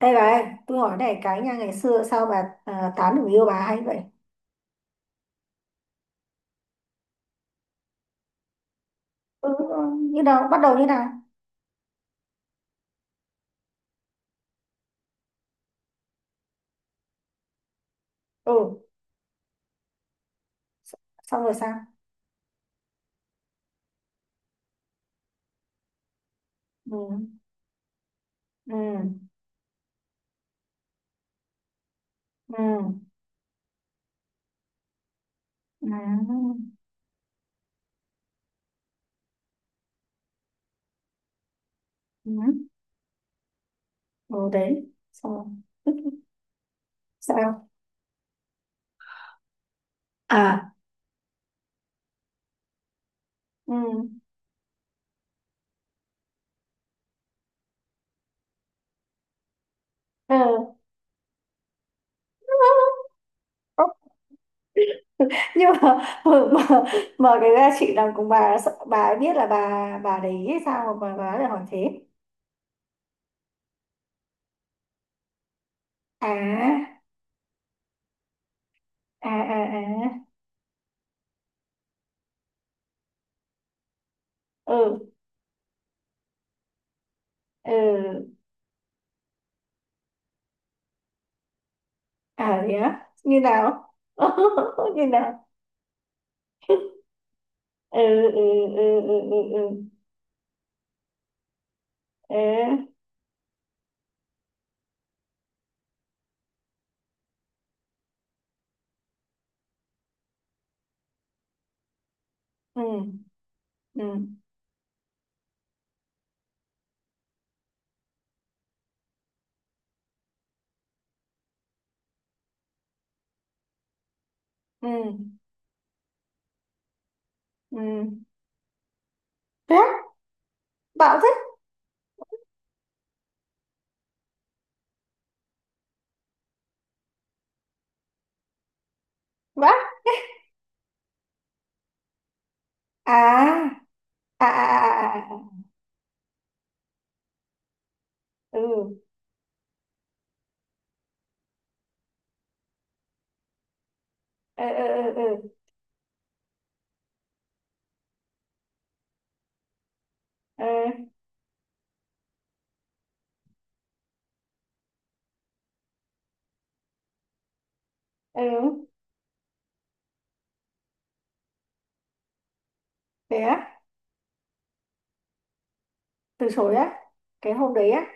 Đây bà ơi, tôi hỏi này cái nha, ngày xưa sao bà tán được người yêu bà hay vậy? Ừ, ừ, như nào, bắt đầu như nào? Ừ, s- xong rồi sao? Ừ, ừ, ừ, ừ, ừ, ừ đấy, xong rồi. Ừ. Sao? À, ừ, ừ. Nhưng mà, mà mà cái ra chị làm cùng bà, sợ bà ấy biết là bà để ý hay sao mà bà lại hỏi thế? À, à, à, à, ừ, ừ. À thế á? Như nào? Như nào? Ừ, ừ, ừ, ừ, ừ, ừ. Ê, ừ, ừ, ừ, ừ. Thế á? Bạo thế? Vã? À, à, à, à, à, à. Ừ. Ừ, ừ, ừ, ừ. Ừ, ừ. Thế á? Từ chối á? Cái hôm đấy á?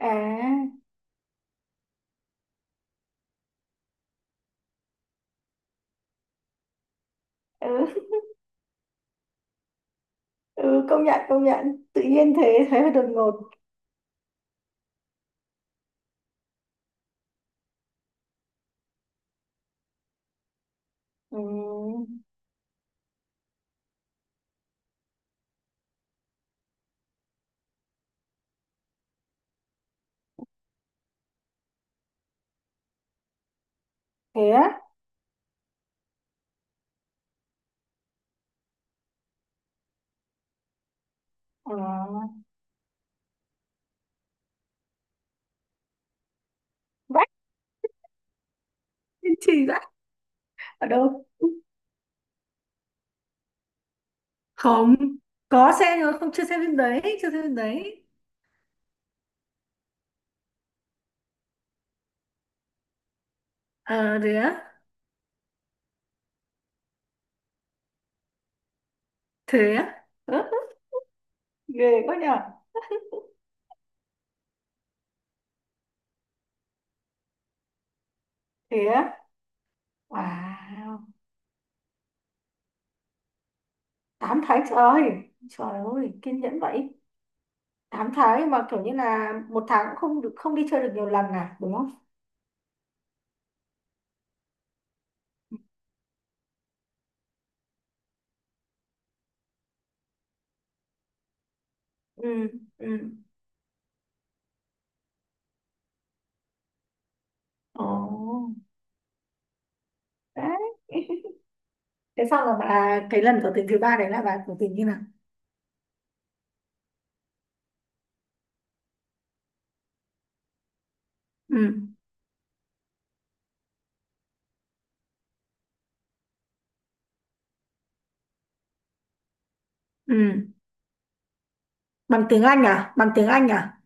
À, ừ, ừ, công nhận công nhận. Tự nhiên thế thế hơi đột ngột. Ừ. Thế á? À. Vãi, kiên trì vãi. Ở đâu? Không có xem, nhưng mà không, chưa xem phim đấy, chưa xem phim đấy. Ờ thế á? Thế á? Ớ, ghê quá nhở. Thế á? Wow. 8 tháng trời. Trời ơi, kiên nhẫn vậy. 8 tháng mà kiểu như là một tháng cũng không được, không đi chơi được nhiều lần à, đúng không? Ừ, ừ. Ồ. Đấy. Thế xong là bà, cái lần tỏ tình thứ ba đấy là bà tỏ tình như nào? Ừ, ừ. Bằng tiếng Anh à? Bằng tiếng Anh à?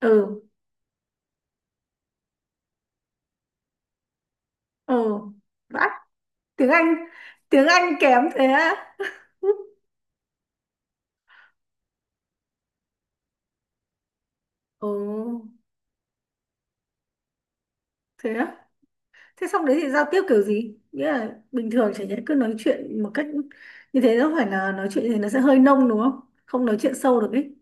Ừ, ừ. Vãi. Tiếng Anh. Tiếng Anh kém thế á? Ồ, thế á? Thế xong đấy thì giao tiếp kiểu gì? Nghĩa là bình thường chả nhẽ cứ nói chuyện một cách như thế, nó phải là nói chuyện như thế nó sẽ hơi nông đúng không? Không nói chuyện sâu được ấy.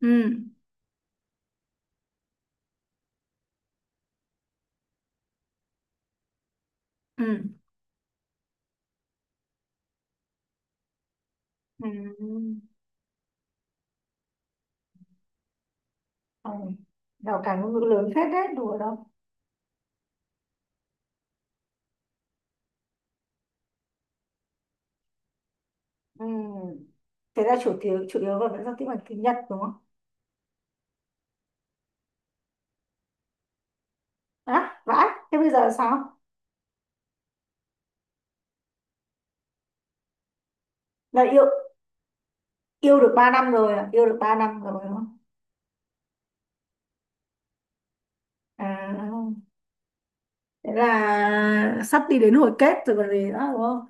Ừ, ừ. Ừ. Ừ. Rào cản ngôn ngữ lớn phết đấy, đùa đâu. Ừ. Thế là chủ yếu, là vẫn giao tiếp bằng tiếng Nhật đúng không? À vãi, thế bây giờ sao? Là yêu yêu được 3 năm rồi à? Yêu được 3 năm rồi đúng không? À. Thế là sắp đi đến hồi kết rồi còn gì nữa đúng không?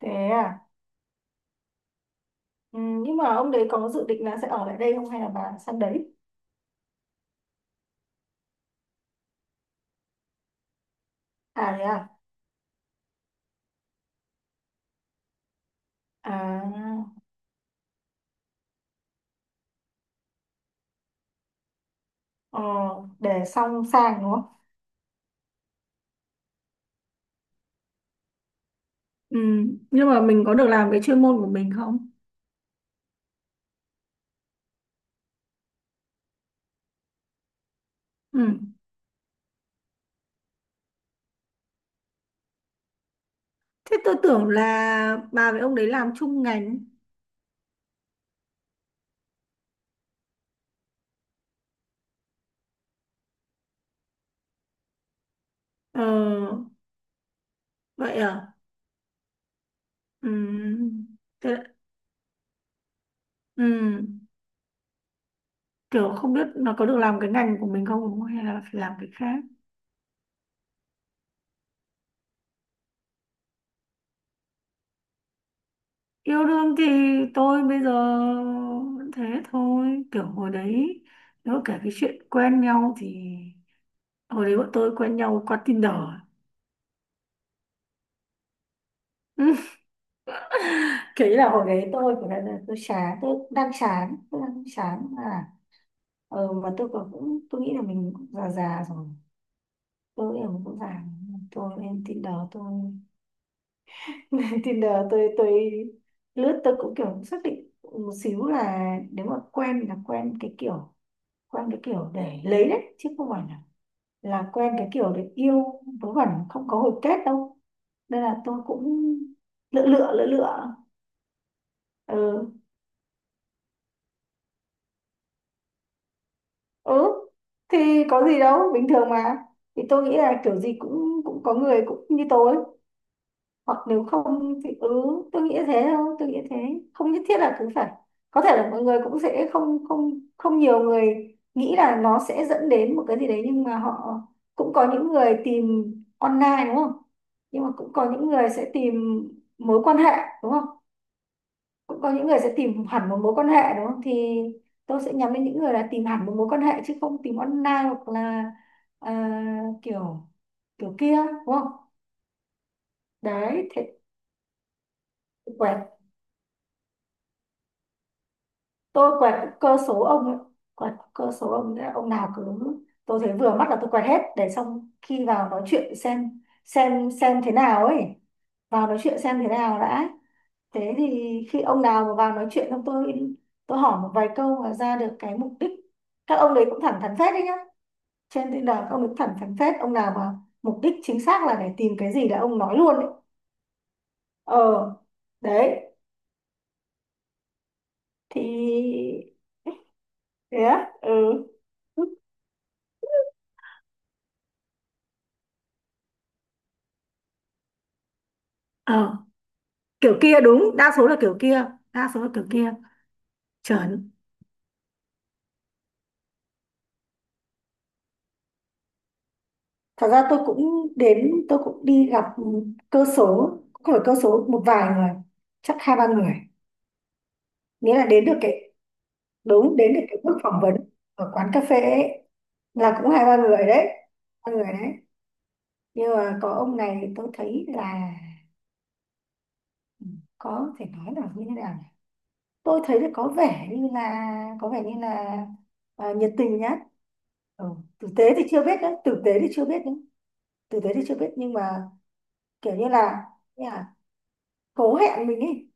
Thế à? Ừ, nhưng mà ông đấy có dự định là sẽ ở lại đây không hay là bà sang đấy? À thế à? À, ờ, để xong sang đúng không? Ừ, nhưng mà mình có được làm cái chuyên môn của mình không? Ừ. Thế tôi tưởng là bà với ông đấy làm chung ngành. Ờ, vậy à? Ừ. Thế, ừ. Kiểu không biết nó có được làm cái ngành của mình không đúng không, hay là phải làm cái khác? Yêu đương thì tôi bây giờ vẫn thế thôi. Kiểu hồi đấy, nếu kể cái chuyện quen nhau thì hồi đấy bọn tôi quen nhau qua Tinder. Kỹ là hồi đấy tôi của là tôi chán, tôi đang chán, tôi đang chán à, mà tôi nghĩ là mình cũng già già rồi, tôi nghĩ là mình cũng già. Tôi lên Tinder, tôi lên Tinder, tôi lướt. Tôi cũng kiểu xác định một xíu là nếu mà quen là quen cái kiểu, quen cái kiểu để lấy đấy, chứ không phải là quen cái kiểu để yêu vớ vẩn không có hồi kết đâu, nên là tôi cũng lựa lựa lựa lựa. Ừ, ừ. Thì có gì đâu, bình thường mà. Thì tôi nghĩ là kiểu gì cũng cũng có người cũng như tôi, hoặc nếu không thì ừ, tôi nghĩ thế thôi, tôi nghĩ thế. Không nhất thiết là cứ phải, có thể là mọi người cũng sẽ không không không nhiều người nghĩ là nó sẽ dẫn đến một cái gì đấy, nhưng mà họ, cũng có những người tìm online đúng không, nhưng mà cũng có những người sẽ tìm mối quan hệ đúng không, cũng có những người sẽ tìm hẳn một mối quan hệ đúng không. Thì tôi sẽ nhắm đến những người là tìm hẳn một mối quan hệ chứ không tìm online hoặc là à, kiểu kiểu kia đúng không. Đấy thế, quẹt. Tôi quẹt cơ số ông ấy. Quẹt cơ số ông ấy, ông nào cứ tôi thấy vừa mắt là tôi quẹt hết, để xong khi vào nói chuyện xem thế nào ấy, vào nói chuyện xem thế nào đã. Thế thì khi ông nào mà vào nói chuyện xong, tôi hỏi một vài câu mà ra được cái mục đích. Các ông đấy cũng thẳng thắn phết đấy nhá, trên Tinder các ông được thẳng thắn phết. Ông nào mà mục đích chính xác là để tìm cái gì là ông nói luôn ấy. Ờ đấy. Thì thế á, ừ. Ờ, kiểu kia đúng, đa số là kiểu kia, đa số là kiểu kia. Chuẩn. Thật ra tôi cũng đến, tôi cũng đi gặp cơ số, cũng phải cơ số một vài người, chắc hai ba người. Nghĩa là đến được cái, đúng, đến được cái bước phỏng vấn ở quán cà phê ấy, là cũng hai ba người đấy, ba người đấy. Nhưng mà có ông này thì tôi thấy là ừ, có thể nói là như thế nào nhỉ? Tôi thấy là có vẻ như là, có vẻ như là à, nhiệt tình nhất. Ừ. Tử tế thì chưa biết đấy, tử tế thì chưa biết đấy, tử tế thì chưa biết nhưng mà kiểu như là cố hẹn mình ấy.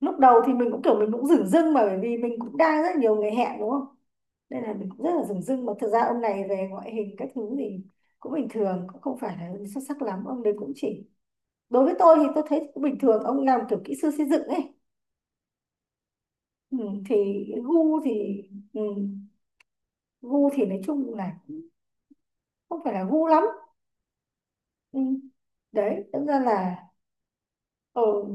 Lúc đầu thì mình cũng kiểu mình cũng dửng dưng, mà bởi vì mình cũng đang rất nhiều người hẹn đúng không, nên là mình cũng rất là dửng dưng. Mà thực ra ông này về ngoại hình các thứ thì cũng bình thường, cũng không phải là xuất sắc lắm. Ông đấy cũng chỉ, đối với tôi thì tôi thấy cũng bình thường. Ông làm kiểu kỹ sư xây dựng ấy. Ừ, thì gu thì ừ, gu thì nói chung là không phải là gu lắm. Ừ, đấy, thực ra là ừ,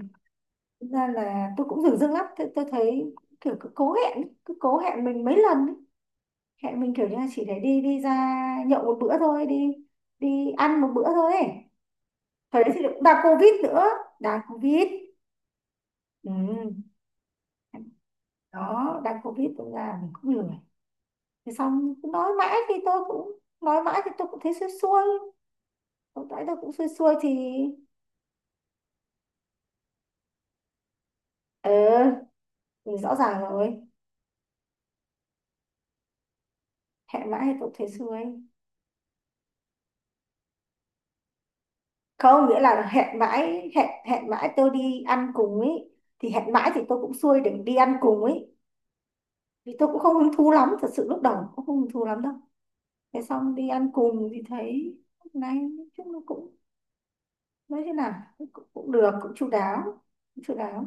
thực ra là tôi cũng dửng dưng lắm, tôi thấy kiểu cứ cố hẹn ấy, cứ cố hẹn mình mấy lần ấy. Hẹn mình kiểu như là chỉ để đi đi ra nhậu một bữa thôi đi, đi ăn một bữa thôi ấy. Thời đấy thì cũng đang covid nữa, đang covid. Ừ. Đó đang covid cũng là mình cũng lười. Thế xong cứ nói mãi thì tôi cũng, nói mãi thì tôi cũng thấy xuôi xuôi, lúc nãy tao cũng xuôi xuôi thì ờ, ừ, rõ ràng rồi, hẹn mãi hay tao thấy xuôi. Không, nghĩa là hẹn mãi, hẹn hẹn mãi tôi đi ăn cùng ấy, thì hẹn mãi thì tôi cũng xuôi để đi ăn cùng ấy. Vì tôi cũng không hứng thú lắm, thật sự lúc đầu cũng không hứng thú lắm đâu. Thế xong đi ăn cùng thì thấy, lúc này nói chung nó cũng, nói thế nào, cũng, cũng được, cũng chu đáo, cũng chu đáo.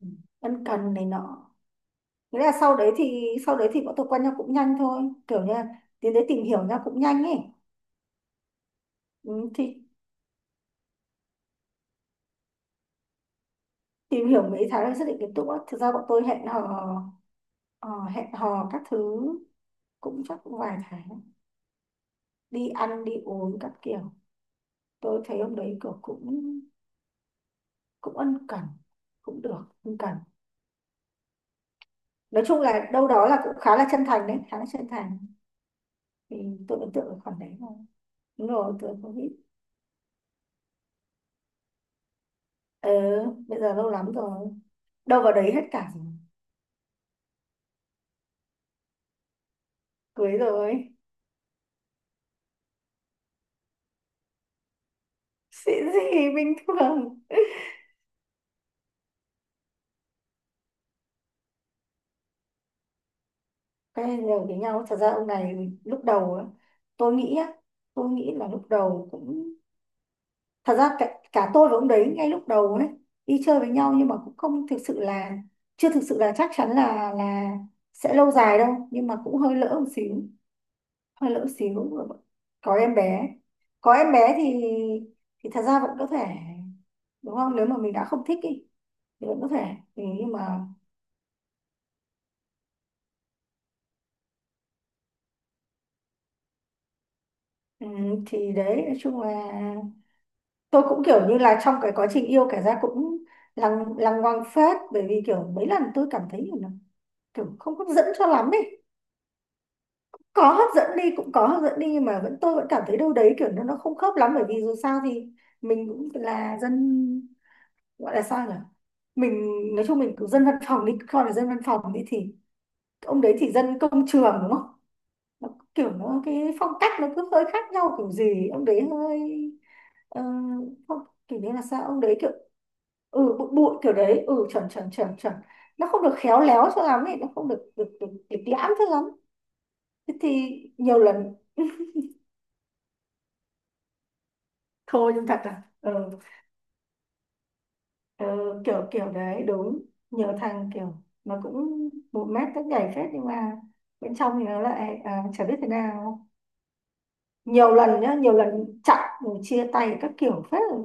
Ừ, ân cần này nọ, nghĩa là sau đấy thì bọn tôi quen nhau cũng nhanh thôi, kiểu như là tiến tới tìm hiểu nhau cũng nhanh ấy. Ừ, thì tìm hiểu mấy tháng để xác định tiến độ á. Thực ra bọn tôi hẹn hò ờ, hẹn hò các thứ cũng chắc cũng vài tháng, đi ăn đi uống các kiểu. Tôi thấy hôm đấy kiểu cũng, cũng ân cần, cũng được ân cần. Nói chung là đâu đó là cũng khá là chân thành đấy, khá là chân thành, thì tôi ấn tượng ở khoản đấy thôi. Đúng rồi, tôi không biết. Ờ bây giờ lâu lắm rồi, đâu vào đấy hết cả rồi. Cưới rồi. Xịn gì, bình thường. Cái đều với nhau. Thật ra ông này lúc đầu á, tôi nghĩ á, tôi nghĩ là lúc đầu cũng, thật ra cả, cả tôi và ông đấy ngay lúc đầu đấy đi chơi với nhau nhưng mà cũng không thực sự là, chưa thực sự là chắc chắn là sẽ lâu dài đâu, nhưng mà cũng hơi lỡ một xíu, hơi lỡ xíu. Có em bé, có em bé thì thật ra vẫn có thể, đúng không, nếu mà mình đã không thích ý, thì vẫn có thể. Ừ, nhưng mà ừ, thì đấy nói chung là tôi cũng kiểu như là trong cái quá trình yêu kể ra cũng lằng lằng ngoằng phết, bởi vì kiểu mấy lần tôi cảm thấy là kiểu không hấp dẫn cho lắm ấy. Có hấp dẫn đi, cũng có hấp dẫn đi nhưng mà vẫn, tôi vẫn cảm thấy đâu đấy kiểu nó không khớp lắm, bởi vì dù sao thì mình cũng là dân, gọi là sao nhỉ, mình nói chung mình cứ dân văn phòng đi, coi là dân văn phòng đi, thì ông đấy thì dân công trường đúng không. Nó, kiểu nó cái phong cách nó cứ hơi khác nhau kiểu gì. Ông đấy hơi ờ, không, kiểu như là sao ông đấy kiểu, ừ bụi bụi kiểu đấy, ừ chuẩn chuẩn chuẩn chuẩn. Nó không được khéo léo cho lắm ấy, nó không được được được lịch lãm cho lắm. Thế thì nhiều lần thôi nhưng thật là ừ, ừ, kiểu kiểu đấy đúng. Nhiều thằng kiểu nó cũng một mét các nhảy phết, nhưng mà bên trong thì nó lại à, chả biết thế nào. Nhiều lần nhá, nhiều lần chặn rồi chia tay các kiểu phết rồi.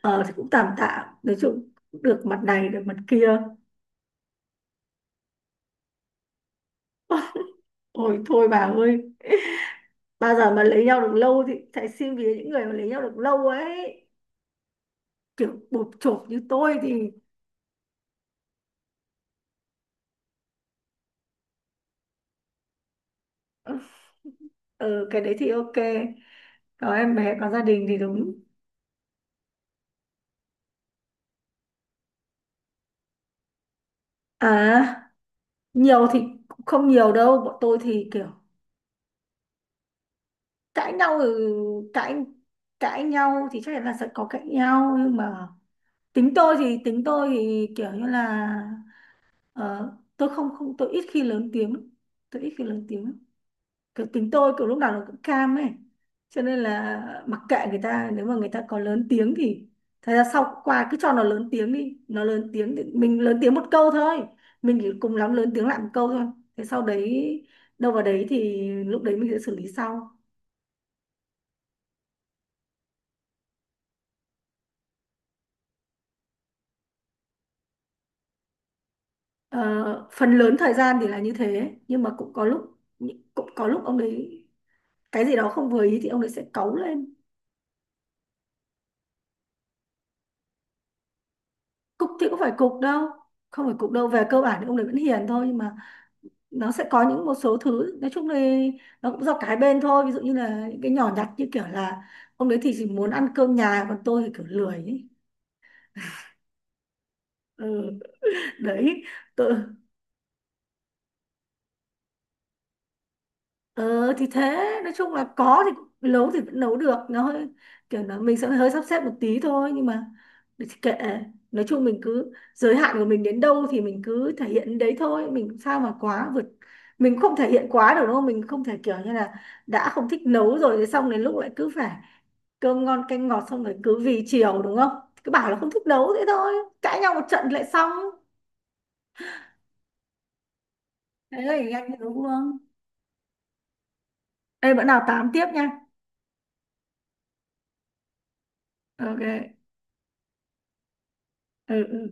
Ờ thì cũng tạm tạm, nói chung cũng được mặt này được mặt kia. Ôi thôi bà ơi, bao giờ mà lấy nhau được lâu thì sẽ xin vì những người mà lấy nhau được lâu ấy, kiểu bụp chộp như tôi thì. Ừ cái đấy thì ok, có em bé có gia đình thì đúng. À, nhiều thì cũng không nhiều đâu, bọn tôi thì kiểu. Cãi nhau ừ, cãi, cãi nhau thì chắc chắn là sẽ có cãi nhau nhưng mà tính tôi thì, tính tôi thì kiểu như là ờ, tôi không không tôi ít khi lớn tiếng, tôi ít khi lớn tiếng. Kiểu tính tôi kiểu lúc nào nó cũng cam ấy, cho nên là mặc kệ người ta, nếu mà người ta có lớn tiếng thì, thật ra sau qua cứ cho nó lớn tiếng đi, nó lớn tiếng thì mình lớn tiếng một câu thôi, mình chỉ cùng lắm lớn tiếng lại một câu thôi. Thế sau đấy đâu vào đấy thì lúc đấy mình sẽ xử lý sau. Ờ, phần lớn thời gian thì là như thế, nhưng mà cũng có lúc, cũng có lúc ông đấy cái gì đó không vừa ý thì ông đấy sẽ cáu lên. Cục thì cũng phải cục đâu, không phải cục đâu, về cơ bản thì ông đấy vẫn hiền thôi, nhưng mà nó sẽ có những một số thứ nói chung là nó cũng do cái bên thôi. Ví dụ như là những cái nhỏ nhặt như kiểu là ông đấy thì chỉ muốn ăn cơm nhà còn tôi thì kiểu lười ấy. Ừ, đấy tự ờ, thì thế nói chung là có thì cũng- nấu thì vẫn nấu được, nó hơi kiểu là mình sẽ hơi sắp xếp một tí thôi, nhưng mà thì kệ. Nói chung mình cứ giới hạn của mình đến đâu thì mình cứ thể hiện đến đấy thôi, mình sao mà quá vượt, mình không thể hiện quá được đúng không. Mình không thể kiểu như là, đã không thích nấu rồi thì xong đến lúc lại cứ phải cơm ngon canh ngọt, xong rồi cứ vì chiều đúng không. Cứ bảo là không thích đấu thế thôi, cãi nhau một trận lại xong. Thế thì anh đúng không? Ê, bữa nào tám tiếp nha. Ok. Ừ, ừ.